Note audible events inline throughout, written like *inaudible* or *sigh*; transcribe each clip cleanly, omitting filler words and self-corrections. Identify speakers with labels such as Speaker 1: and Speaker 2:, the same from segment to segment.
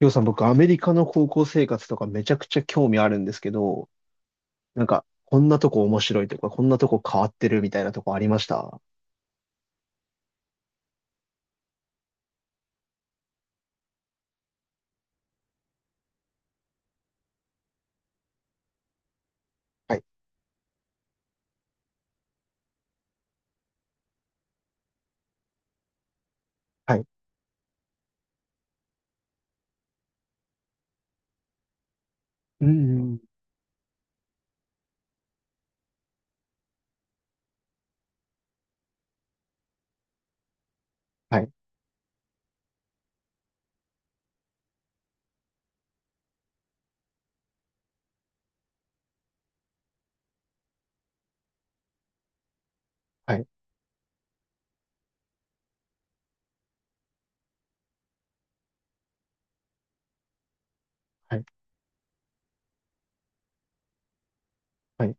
Speaker 1: りょうさん、僕、アメリカの高校生活とかめちゃくちゃ興味あるんですけど、なんか、こんなとこ面白いとか、こんなとこ変わってるみたいなとこありました？はい、はい。うん、うん。はい、はい、はい、はい、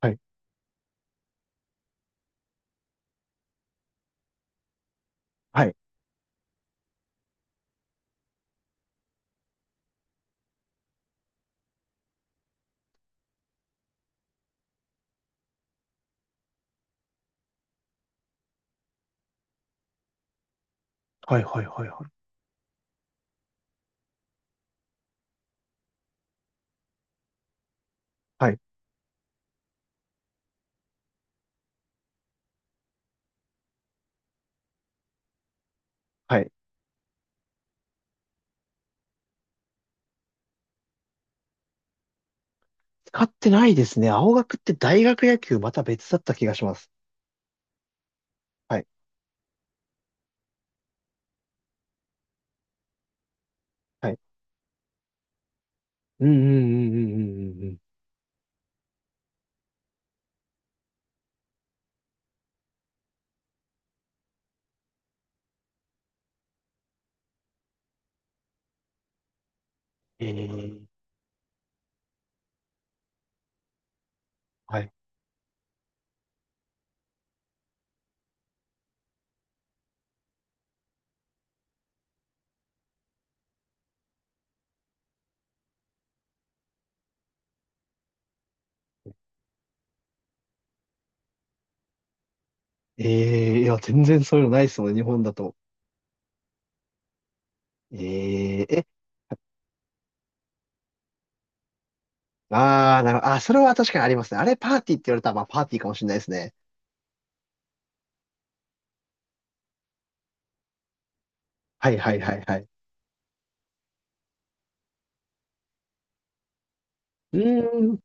Speaker 1: はい、はい、はい、はい、はい、はい、はい。使ってないですね。青学って大学野球また別だった気がします。はい、はい。うん、うん、うん、うん、うん、うん。ええー、はい。ええー、いや、全然そういうのないですもんね、日本だと。ええああ、なるほど。あ、それは確かにありますね。あれパーティーって言われたら、まあパーティーかもしれないですね。はいはいはいはい。うーん。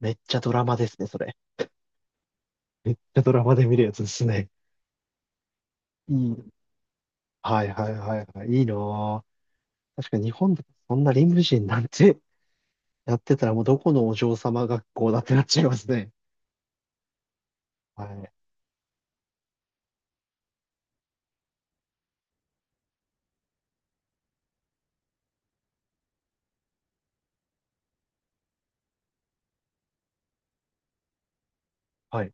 Speaker 1: めっちゃドラマですね、それ。めっちゃドラマで見るやつですね。いい。はいはいはいはい。いいなぁ。確かに日本でそんな理無人なんてやってたらもうどこのお嬢様学校だってなっちゃいますね。はい。はい。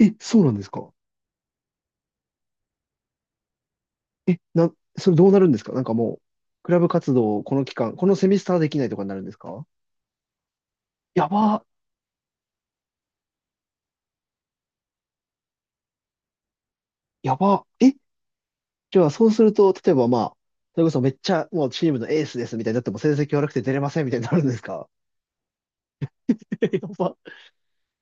Speaker 1: え、そうなんですか？え、な、それどうなるんですか？なんかもう、クラブ活動をこの期間、このセミスターできないとかになるんですか？やば、やば。え、じゃあ、そうすると、例えばまあ、それこそめっちゃもうチームのエースですみたいになっても成績悪くて出れませんみたいになるんですか？ *laughs* やば。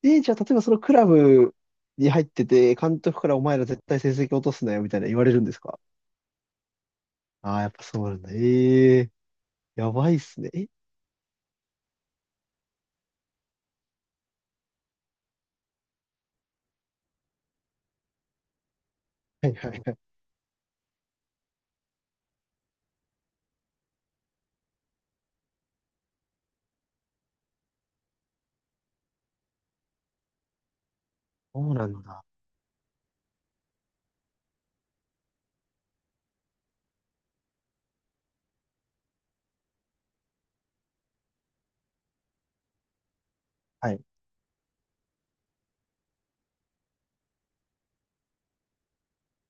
Speaker 1: じゃあ、例えばそのクラブに入ってて、監督からお前ら絶対成績落とすなよみたいな言われるんですか？ああー、やっぱそうなんだ。ええー、やばいっすね。え、はいはいはい。そうなんだ。はい。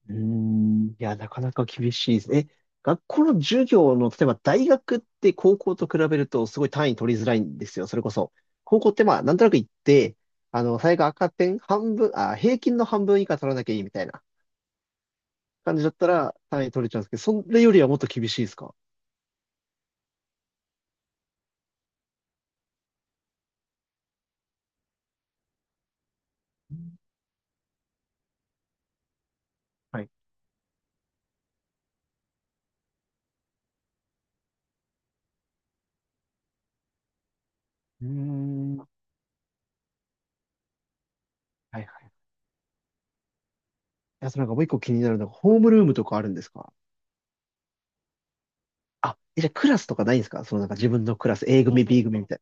Speaker 1: うーん。いや、なかなか厳しいです。え、学校の授業の、例えば大学って高校と比べるとすごい単位取りづらいんですよ。それこそ。高校ってまあ、なんとなく行って、あの、最悪赤点半分、あ、平均の半分以下取らなきゃいいみたいな感じだったら単位取れちゃうんですけど、それよりはもっと厳しいですか？はい。うーん。はいはい。いや、そのなんかもう一個気になるのが、ホームルームとかあるんですか？あ、え、じゃあクラスとかないんですか？そのなんか自分のクラス、A 組、B 組みたい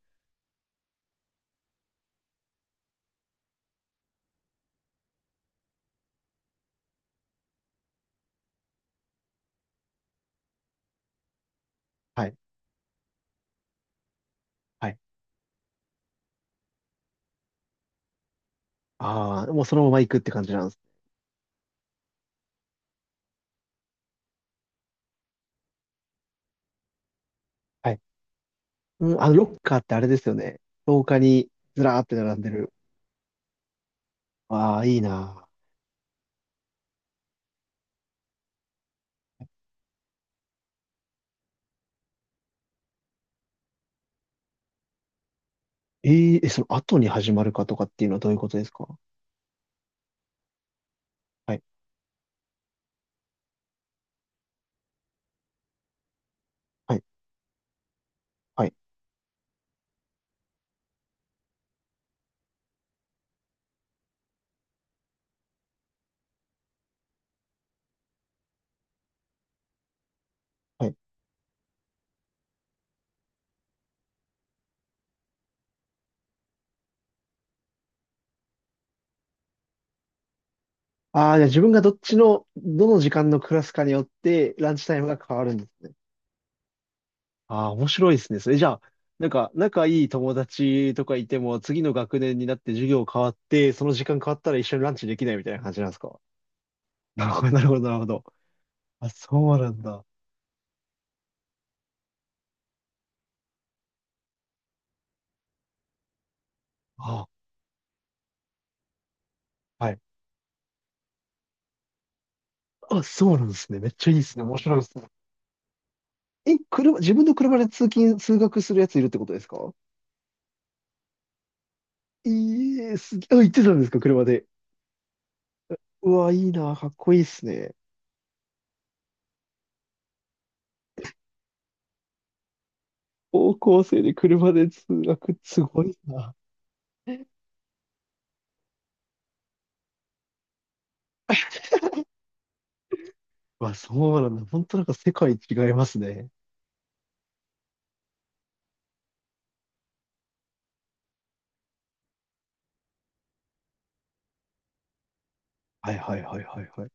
Speaker 1: な。はい。はい。ああ、もうそのまま行くって感じなんです。はい。うん、あの、ロッカーってあれですよね。廊下にずらーって並んでる。ああ、いいな。え、その後に始まるかとかっていうのはどういうことですか？はい、はい、はい、はい。ああ、じゃあ自分がどっちの、どの時間のクラスかによって、ランチタイムが変わるんですね。ああ、面白いですね。それじゃあ、なんか、仲いい友達とかいても、次の学年になって授業変わって、その時間変わったら一緒にランチできないみたいな感じなんですか？なるほど、なるほど、なるほど。あ、そうなんだ。あ、はい。あ、そうなんですね。めっちゃいいですね。面白いですね。え、車、自分の車で通勤、通学するやついるってことですか？いえ、すげえ、あ、行ってたんですか、車で。うわ、いいな、かっこいいっすね。高校生で車で通学、すごいな。わ、そうなんだ。本当なんか世界違いますね。はいはいはいはいはい。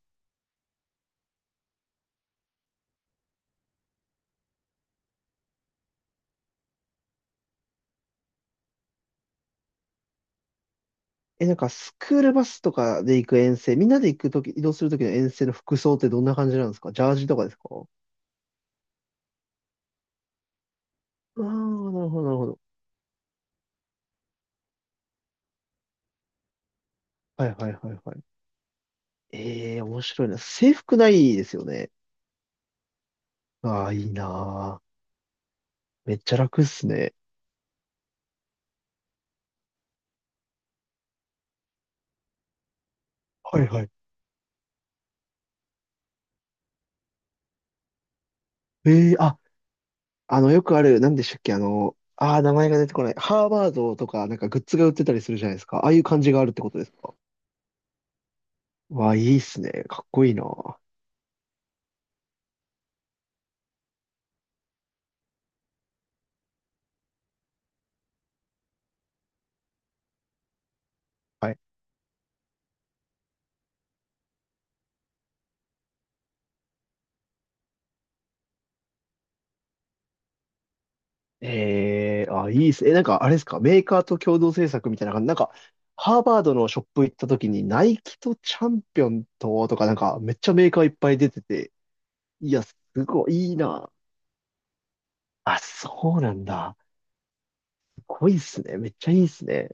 Speaker 1: え、なんかスクールバスとかで行く遠征、みんなで行くとき、移動するときの遠征の服装ってどんな感じなんですか？ジャージとかですか？ああー、なるほどなるほど。はいはいはいはい。ええ、面白いな。制服ないですよね。ああ、いいな。めっちゃ楽っすね。はいはい。ええ、あ、あの、よくある、なんでしたっけ、あの、ああ、名前が出てこない。ハーバードとか、なんかグッズが売ってたりするじゃないですか。ああいう感じがあるってことですか？わあ、いいっすね。かっこいいな。はい。ええ、あ、いいっす。え、なんかあれですか、メーカーと共同制作みたいな感じ。なんか、ハーバードのショップ行った時に、ナイキとチャンピオンと、とか、なんか、めっちゃメーカーいっぱい出てて、いや、すごいいいな。あ、そうなんだ。すごいっすね。めっちゃいいっすね。